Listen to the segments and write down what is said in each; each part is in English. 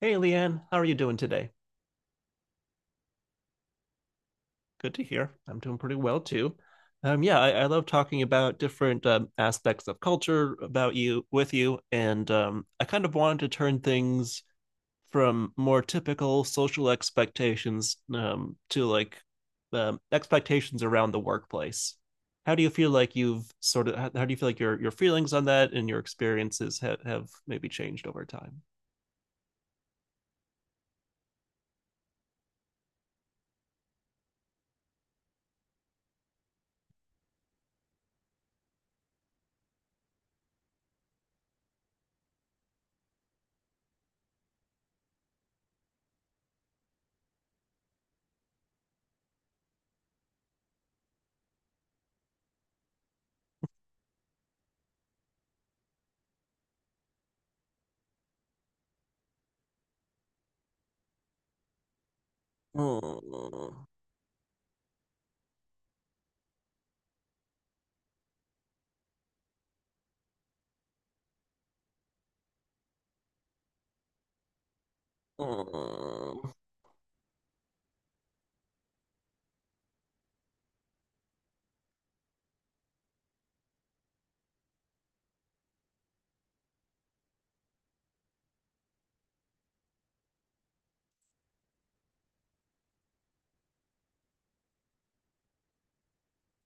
Hey, Leanne, how are you doing today? Good to hear. I'm doing pretty well too. I love talking about different aspects of culture about you with you, and I kind of wanted to turn things from more typical social expectations to like expectations around the workplace. How do you feel like you've sort of how do you feel like your feelings on that and your experiences have maybe changed over time? Mm, mm.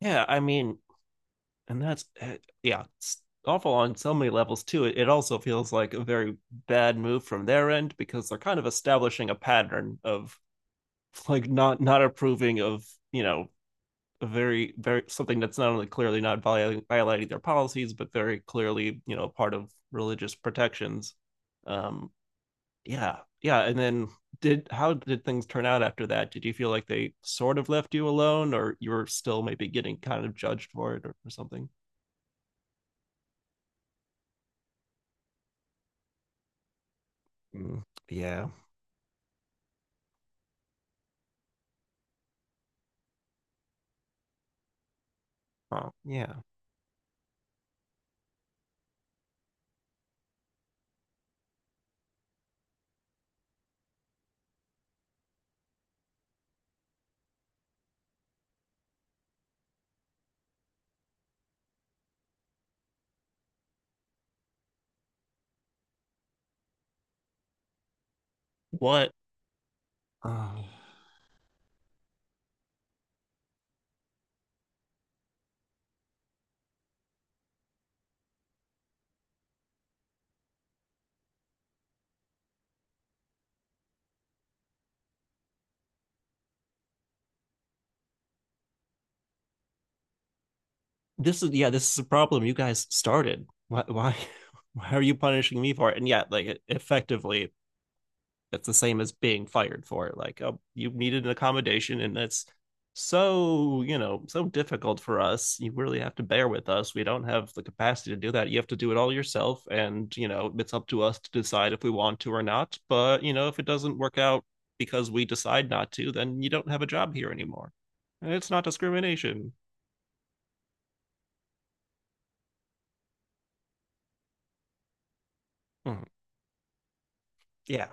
Yeah, I mean, and that's yeah, it's awful on so many levels too. It also feels like a very bad move from their end because they're kind of establishing a pattern of like not approving of you know a very something that's not only clearly not violating their policies, but very clearly, you know, part of religious protections. um yeah, yeah. And then did how did things turn out after that? Did you feel like they sort of left you alone, or you were still maybe getting kind of judged for it, or something? Mm, yeah. Oh, yeah. What? Oh. This is, yeah, this is a problem you guys started. Why? Why? Why are you punishing me for it? And yeah, like it, effectively, that's the same as being fired for it. Like, oh, you needed an accommodation, and that's so, you know, so difficult for us. You really have to bear with us. We don't have the capacity to do that. You have to do it all yourself, and you know it's up to us to decide if we want to or not. But you know, if it doesn't work out because we decide not to, then you don't have a job here anymore, and it's not discrimination. Hmm. Yeah,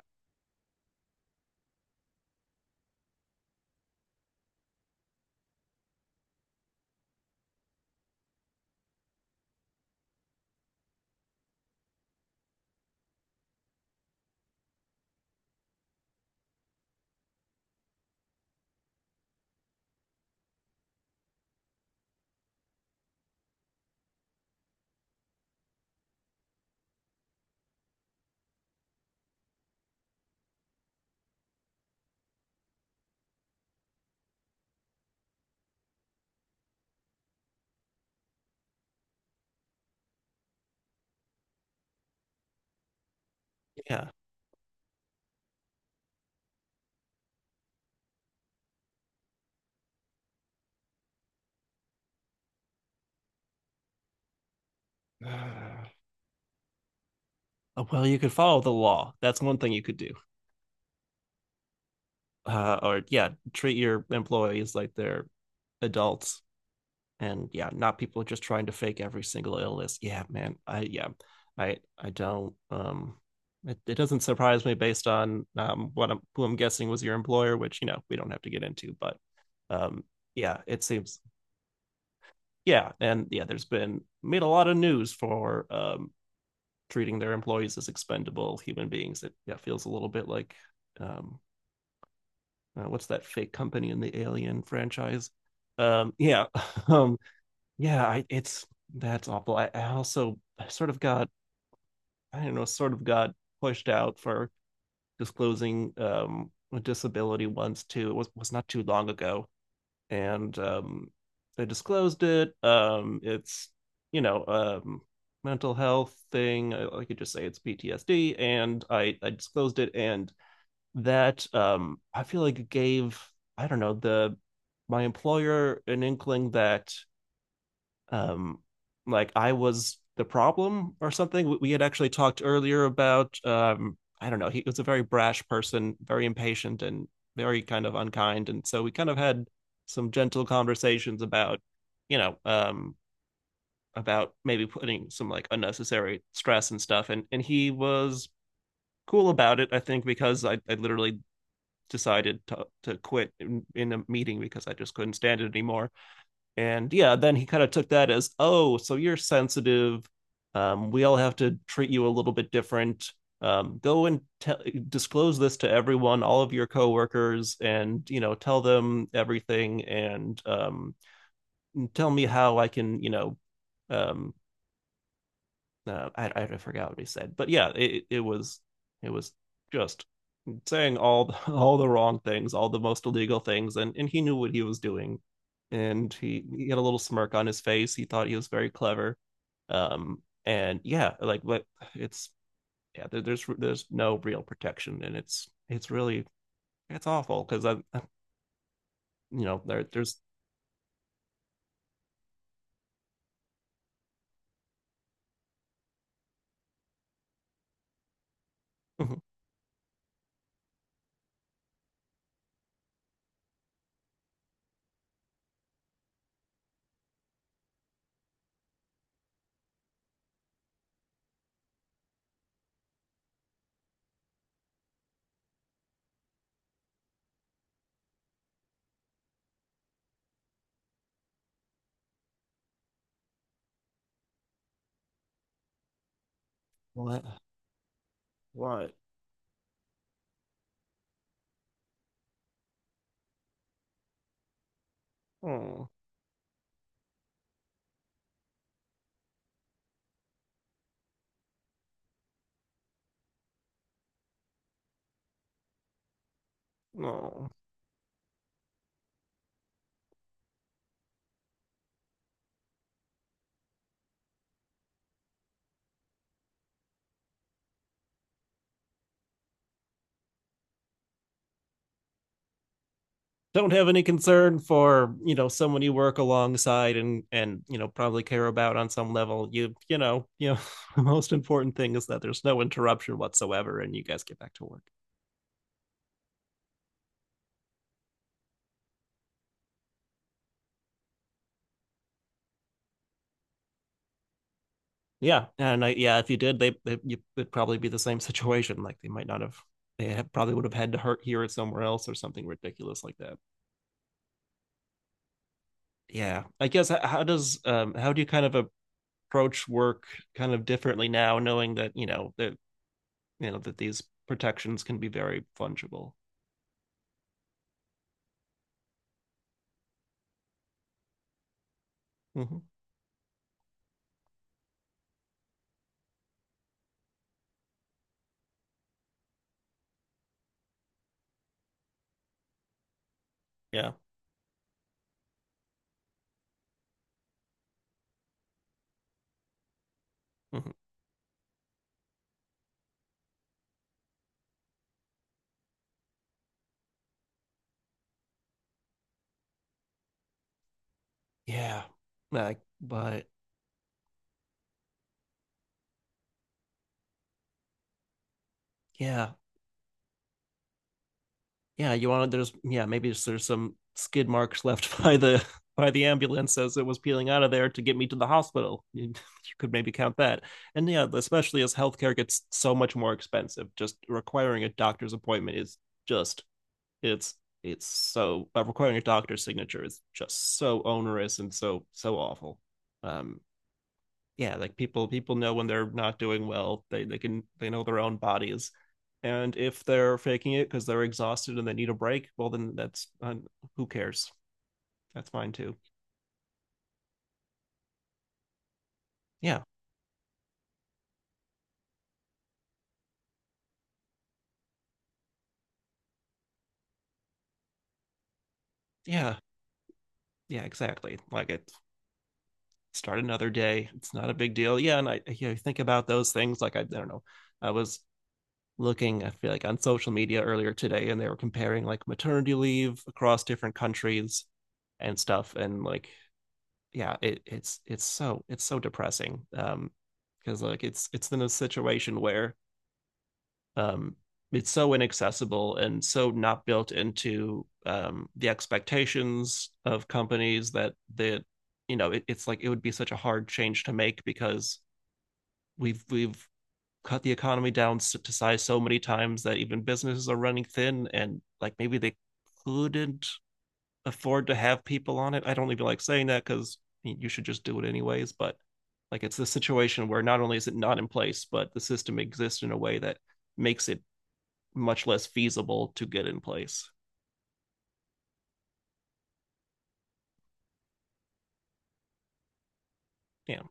yeah. Well, you could follow the law. That's one thing you could do. Or yeah, treat your employees like they're adults, and yeah, not people just trying to fake every single illness. Yeah, man, I yeah, I don't it, it doesn't surprise me based on what I'm, who I'm guessing was your employer, which you know we don't have to get into, but um yeah, it seems. Yeah, and yeah, there's been made a lot of news for treating their employees as expendable human beings. It yeah feels a little bit like um what's that fake company in the Alien franchise? Yeah, um, yeah, it's that's awful. I also sort of got, I don't know, sort of got pushed out for disclosing a disability once too. It was not too long ago, and I disclosed it. It's, you know, mental health thing. I could just say it's PTSD, and I disclosed it, and that I feel like it gave, I don't know, the my employer an inkling that um like I was the problem or something. We had actually talked earlier about I don't know, he was a very brash person, very impatient and very kind of unkind, and so we kind of had some gentle conversations about you know about maybe putting some like unnecessary stress and stuff, and he was cool about it, I think because I literally decided to quit in a meeting because I just couldn't stand it anymore. And yeah, then he kind of took that as, oh, so you're sensitive. We all have to treat you a little bit different. Go and disclose this to everyone, all of your coworkers, and you know, tell them everything, and tell me how I can, you know, um, I forgot what he said, but yeah, it was, it was just saying all the, all the wrong things, all the most illegal things, and he knew what he was doing, and he had a little smirk on his face. He thought he was very clever, and yeah, like but it's yeah, there's no real protection, and it's really it's awful because I, you know, there's what what oh no, don't have any concern for, you know, someone you work alongside, and you know probably care about on some level. You know, you know, the most important thing is that there's no interruption whatsoever, and you guys get back to work. Yeah, and yeah, if you did, they, it'd probably be the same situation, like they might not have, probably would have had to hurt hear it somewhere else or something ridiculous like that. Yeah, I guess how does how do you kind of approach work kind of differently now, knowing that, you know that, you know that these protections can be very fungible? Mm-hmm. Yeah. Mhm. Yeah. Like, but yeah. Yeah, you want to, there's, yeah, maybe there's some skid marks left by the ambulance as it was peeling out of there to get me to the hospital. You could maybe count that. And yeah, especially as healthcare gets so much more expensive, just requiring a doctor's appointment is just it's it's so requiring a doctor's signature is just so onerous and so so awful. Um yeah, like people know when they're not doing well. They can they know their own bodies. And if they're faking it because they're exhausted and they need a break, well then that's who cares? That's fine too. Yeah. Yeah. Yeah, exactly. Like it start another day. It's not a big deal. Yeah, and think about those things like I don't know. I was looking, I feel like, on social media earlier today, and they were comparing like maternity leave across different countries and stuff, and like yeah, it's so depressing. Because like it's in a situation where um it's so inaccessible and so not built into the expectations of companies that you know it's like it would be such a hard change to make because we've cut the economy down to size so many times that even businesses are running thin, and like maybe they couldn't afford to have people on it. I don't even like saying that because you should just do it anyways. But like it's the situation where not only is it not in place, but the system exists in a way that makes it much less feasible to get in place. Yeah.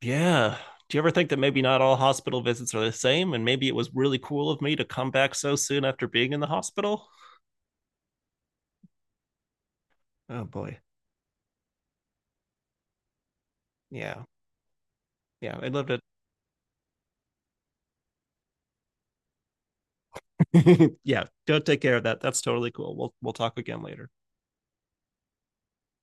Yeah. Do you ever think that maybe not all hospital visits are the same? And maybe it was really cool of me to come back so soon after being in the hospital? Oh boy. Yeah. Yeah. I loved it. Yeah. Go take care of that. That's totally cool. We'll talk again later.